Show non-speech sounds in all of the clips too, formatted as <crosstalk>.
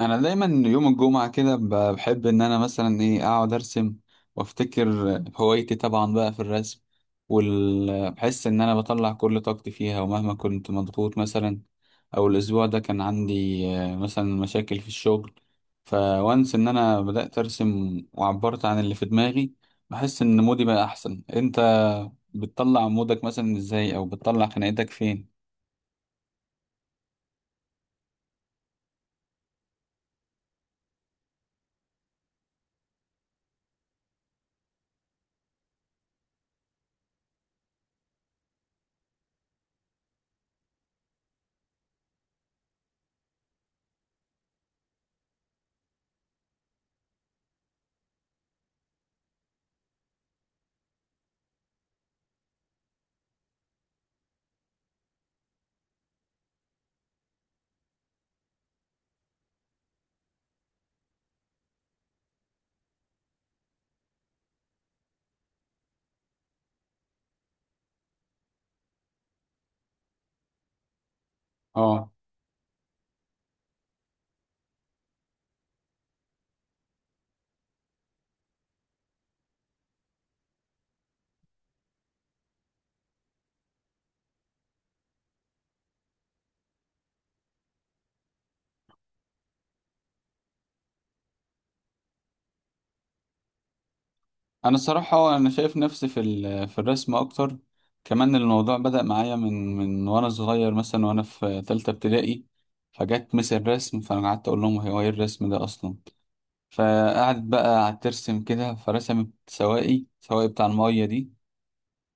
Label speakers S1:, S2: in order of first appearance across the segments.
S1: انا دايما يوم الجمعه كده بحب ان انا مثلا ايه اقعد ارسم وافتكر. هوايتي طبعا بقى في الرسم، وبحس ان انا بطلع كل طاقتي فيها، ومهما كنت مضغوط مثلا او الاسبوع ده كان عندي مثلا مشاكل في الشغل، فوانس ان انا بدات ارسم وعبرت عن اللي في دماغي. بحس ان مودي بقى احسن. انت بتطلع مودك مثلا ازاي او بتطلع خناقتك فين؟ اه. انا الصراحه انا شايف نفسي في في الرسم اكتر. كمان الموضوع بدأ معايا من وانا صغير، مثلا وانا في ثالثه ابتدائي، فجت مس الرسم، فانا قعدت اقول لهم هو ايه الرسم ده اصلا. فقعدت بقى قعدت ترسم كده، فرسمت سواقي سواقي بتاع الميه دي.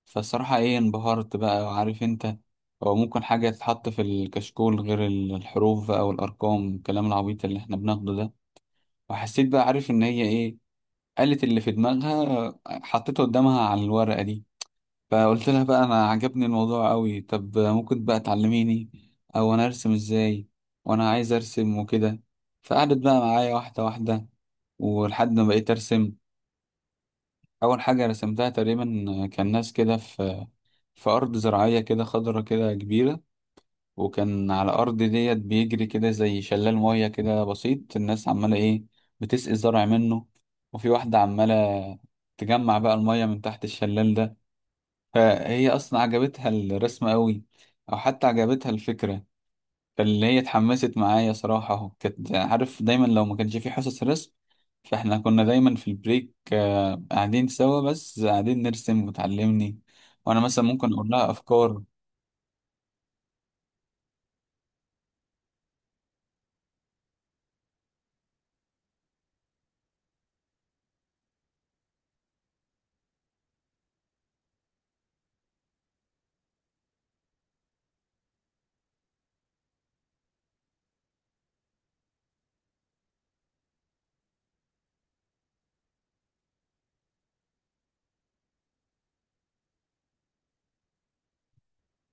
S1: فالصراحه ايه انبهرت بقى، وعارف انت، هو ممكن حاجه تتحط في الكشكول غير الحروف بقى والارقام والكلام العبيط اللي احنا بناخده ده. وحسيت بقى عارف ان هي ايه، قالت اللي في دماغها حطيته قدامها على الورقه دي. فقلت لها بقى انا عجبني الموضوع قوي، طب ممكن بقى تعلميني او انا ارسم ازاي، وانا عايز ارسم وكده. فقعدت بقى معايا واحده واحده، ولحد ما بقيت ارسم. اول حاجه رسمتها تقريبا كان ناس كده في في ارض زراعيه كده خضره كده كبيره، وكان على الارض ديت بيجري كده زي شلال ميه كده بسيط، الناس عماله ايه، بتسقي الزرع منه، وفي واحده عماله تجمع بقى الميه من تحت الشلال ده. فهي اصلا عجبتها الرسمة قوي، او حتى عجبتها الفكرة. فاللي هي اتحمست معايا صراحة اهو، كانت عارف دايما لو ما كانش في حصص رسم، فاحنا كنا دايما في البريك قاعدين سوا، بس قاعدين نرسم وتعلمني، وانا مثلا ممكن اقول لها افكار.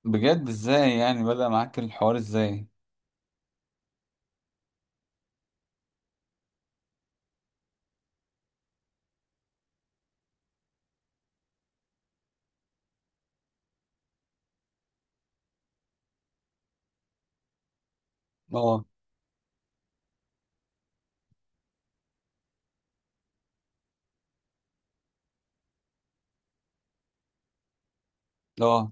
S1: بجد، ازاي يعني بدأ معاك الحوار ازاي؟ اه اه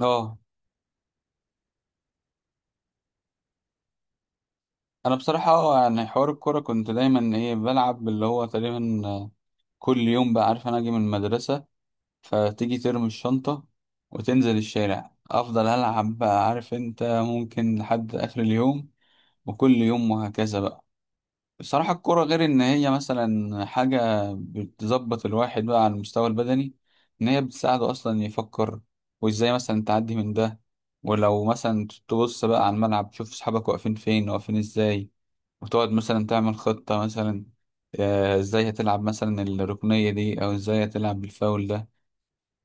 S1: اه. انا بصراحة اه يعني حوار الكورة كنت دايما ايه بلعب، اللي هو تقريبا كل يوم بقى، عارف انا اجي من المدرسة فتيجي ترمي الشنطة وتنزل الشارع أفضل ألعب بقى، عارف أنت، ممكن لحد آخر اليوم، وكل يوم، وهكذا بقى. بصراحة الكرة غير إن هي مثلا حاجة بتظبط الواحد بقى على المستوى البدني، إن هي بتساعده أصلا يفكر، وإزاي مثلا تعدي من ده، ولو مثلا تبص بقى على الملعب تشوف أصحابك واقفين فين واقفين إزاي، وتقعد مثلا تعمل خطة مثلا، إزاي هتلعب مثلا الركنية دي أو إزاي هتلعب بالفاول ده.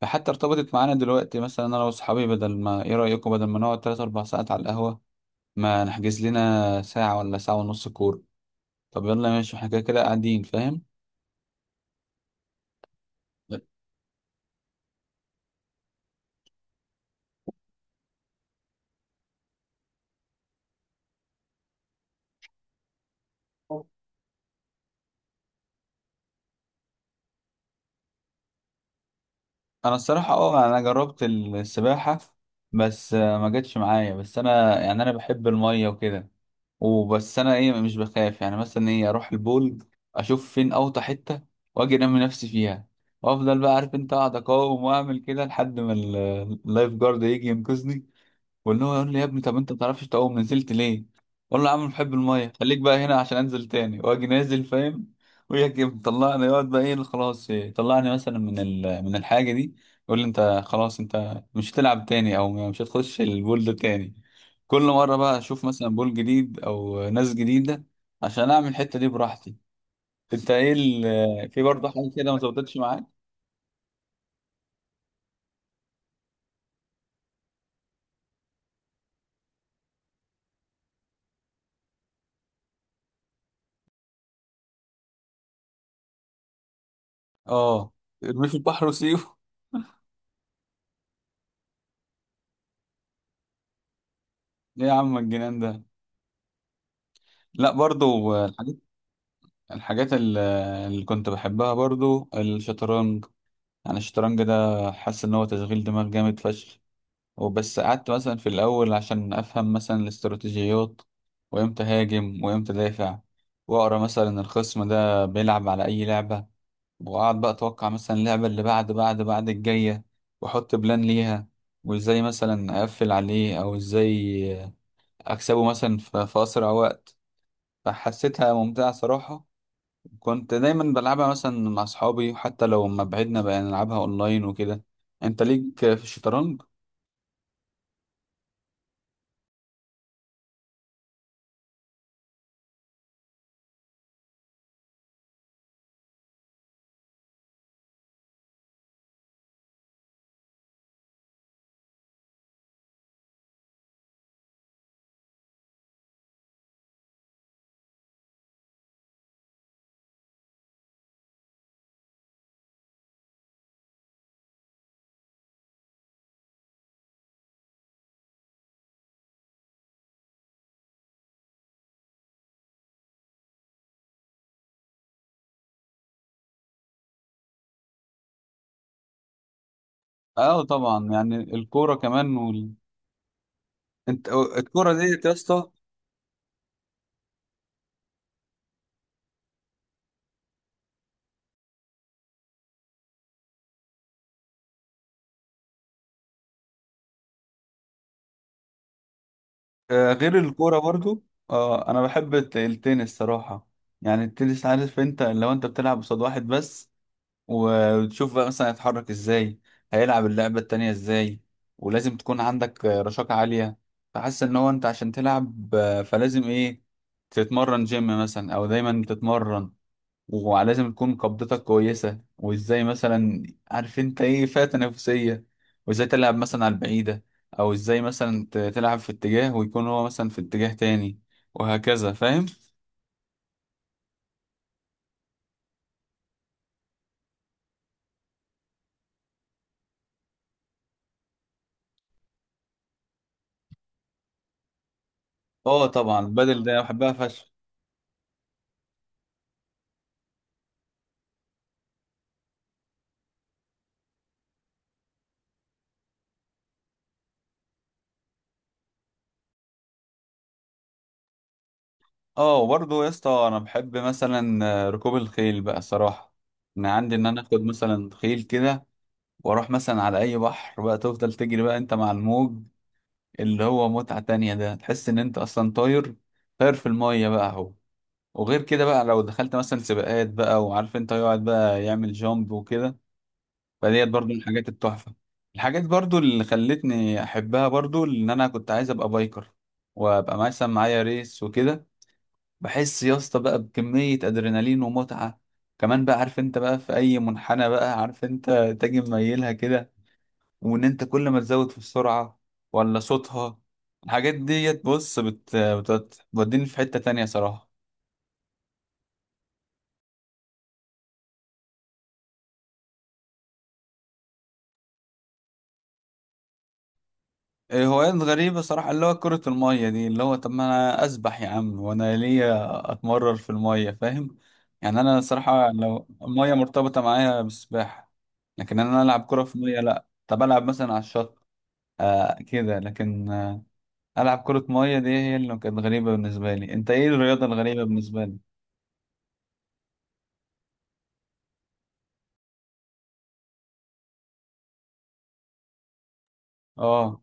S1: فحتى ارتبطت معانا دلوقتي، مثلا انا واصحابي، بدل ما ايه رايكم، بدل ما نقعد 3 4 ساعات على القهوه، ما نحجز لنا ساعه ولا ساعه ونص كوره، طب يلا ماشي احنا كده كده قاعدين، فاهم؟ انا الصراحه اه انا جربت السباحه، بس ما جاتش معايا، بس انا يعني انا بحب الميه وكده، وبس انا ايه مش بخاف، يعني مثلا ايه اروح البول اشوف فين اوطى حته واجي انمي نفسي فيها، وافضل بقى عارف انت اقعد اقاوم واعمل كده لحد ما اللايف جارد يجي ينقذني، واللي هو يقول لي يا ابني طب انت ما بتعرفش تعوم نزلت ليه؟ اقول له يا عم بحب الميه، خليك بقى هنا عشان انزل تاني واجي نازل، فاهم. ويجي مطلعني، يقعد بقى ايه، خلاص طلعني مثلا من من الحاجه دي، يقول لي انت خلاص انت مش هتلعب تاني او مش هتخش البول ده تاني. كل مره بقى اشوف مثلا بول جديد او ناس جديده عشان اعمل الحته دي براحتي. انت ايه في برضه حاجه كده ما ظبطتش معاك؟ اه. ارميه في البحر وسيبه. ايه <laughs> يا عم الجنان ده، لا برضو. الحاجات اللي كنت بحبها برضو الشطرنج. يعني الشطرنج ده حاسس ان هو تشغيل دماغ جامد فشخ، وبس قعدت مثلا في الاول عشان افهم مثلا الاستراتيجيات، وامتى هاجم وامتى دافع، واقرا مثلا الخصم ده بيلعب على اي لعبة، واقعد بقى اتوقع مثلا اللعبة اللي بعد بعد بعد الجاية، واحط بلان ليها، وازاي مثلا اقفل عليه، او ازاي اكسبه مثلا في اسرع وقت. فحسيتها ممتعة صراحة. كنت دايما بلعبها مثلا مع اصحابي، وحتى لو ما بعدنا بقى نلعبها اونلاين وكده. انت ليك في الشطرنج؟ اه طبعا. يعني الكوره كمان انت الكوره ديت يا اسطى. غير الكوره برضو، آه انا بحب التنس صراحه. يعني التنس عارف انت، لو انت بتلعب قصاد واحد بس، وتشوف بقى مثلا هيتحرك ازاي، هيلعب اللعبة التانية ازاي، ولازم تكون عندك رشاقة عالية. فحاسس ان هو انت عشان تلعب فلازم ايه تتمرن جيم مثلا او دايما تتمرن، ولازم تكون قبضتك كويسة، وازاي مثلا عارف انت ايه فئة تنافسية، وازاي تلعب مثلا على البعيدة، او ازاي مثلا تلعب في اتجاه ويكون هو مثلا في اتجاه تاني، وهكذا فاهم. اه طبعا البدل ده بحبها فشخ. اه وبرضه يا اسطى انا بحب مثلا ركوب الخيل بقى صراحه. انا عندي ان انا اخد مثلا خيل كده واروح مثلا على اي بحر، بقى تفضل تجري بقى انت مع الموج، اللي هو متعه تانية، ده تحس ان انت اصلا طاير، طاير في الميه بقى اهو. وغير كده بقى، لو دخلت مثلا سباقات بقى، وعارف انت يقعد بقى يعمل جامب وكده. فديت برضه من الحاجات التحفه. الحاجات برضه اللي خلتني احبها برضه ان انا كنت عايز ابقى بايكر، وابقى مثلا معايا ريس وكده. بحس يا اسطى بقى بكمية أدرينالين ومتعة، كمان بقى عارف انت بقى في أي منحنى بقى عارف انت تاجي مميلها كده، وإن انت كل ما تزود في السرعة ولا صوتها، الحاجات ديت بص بتوديني في حتة تانية صراحة. إيه، هوايات غريبة صراحة، اللي هو كرة المية دي، اللي هو طب ما أنا أسبح يا عم وأنا ليا أتمرر في المية، فاهم. يعني أنا صراحة لو المية مرتبطة معايا بالسباحة، لكن أنا ألعب كرة في المية لأ. طب ألعب مثلا على الشط آه كده، لكن آه ألعب كرة مية دي هي اللي كانت غريبة بالنسبة لي. أنت إيه الرياضة الغريبة بالنسبة لي؟ آه.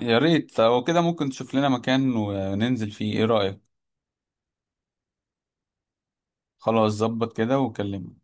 S1: يا ريت لو كده ممكن تشوف لنا مكان وننزل فيه، إيه رأيك؟ خلاص ظبط كده وكلمني.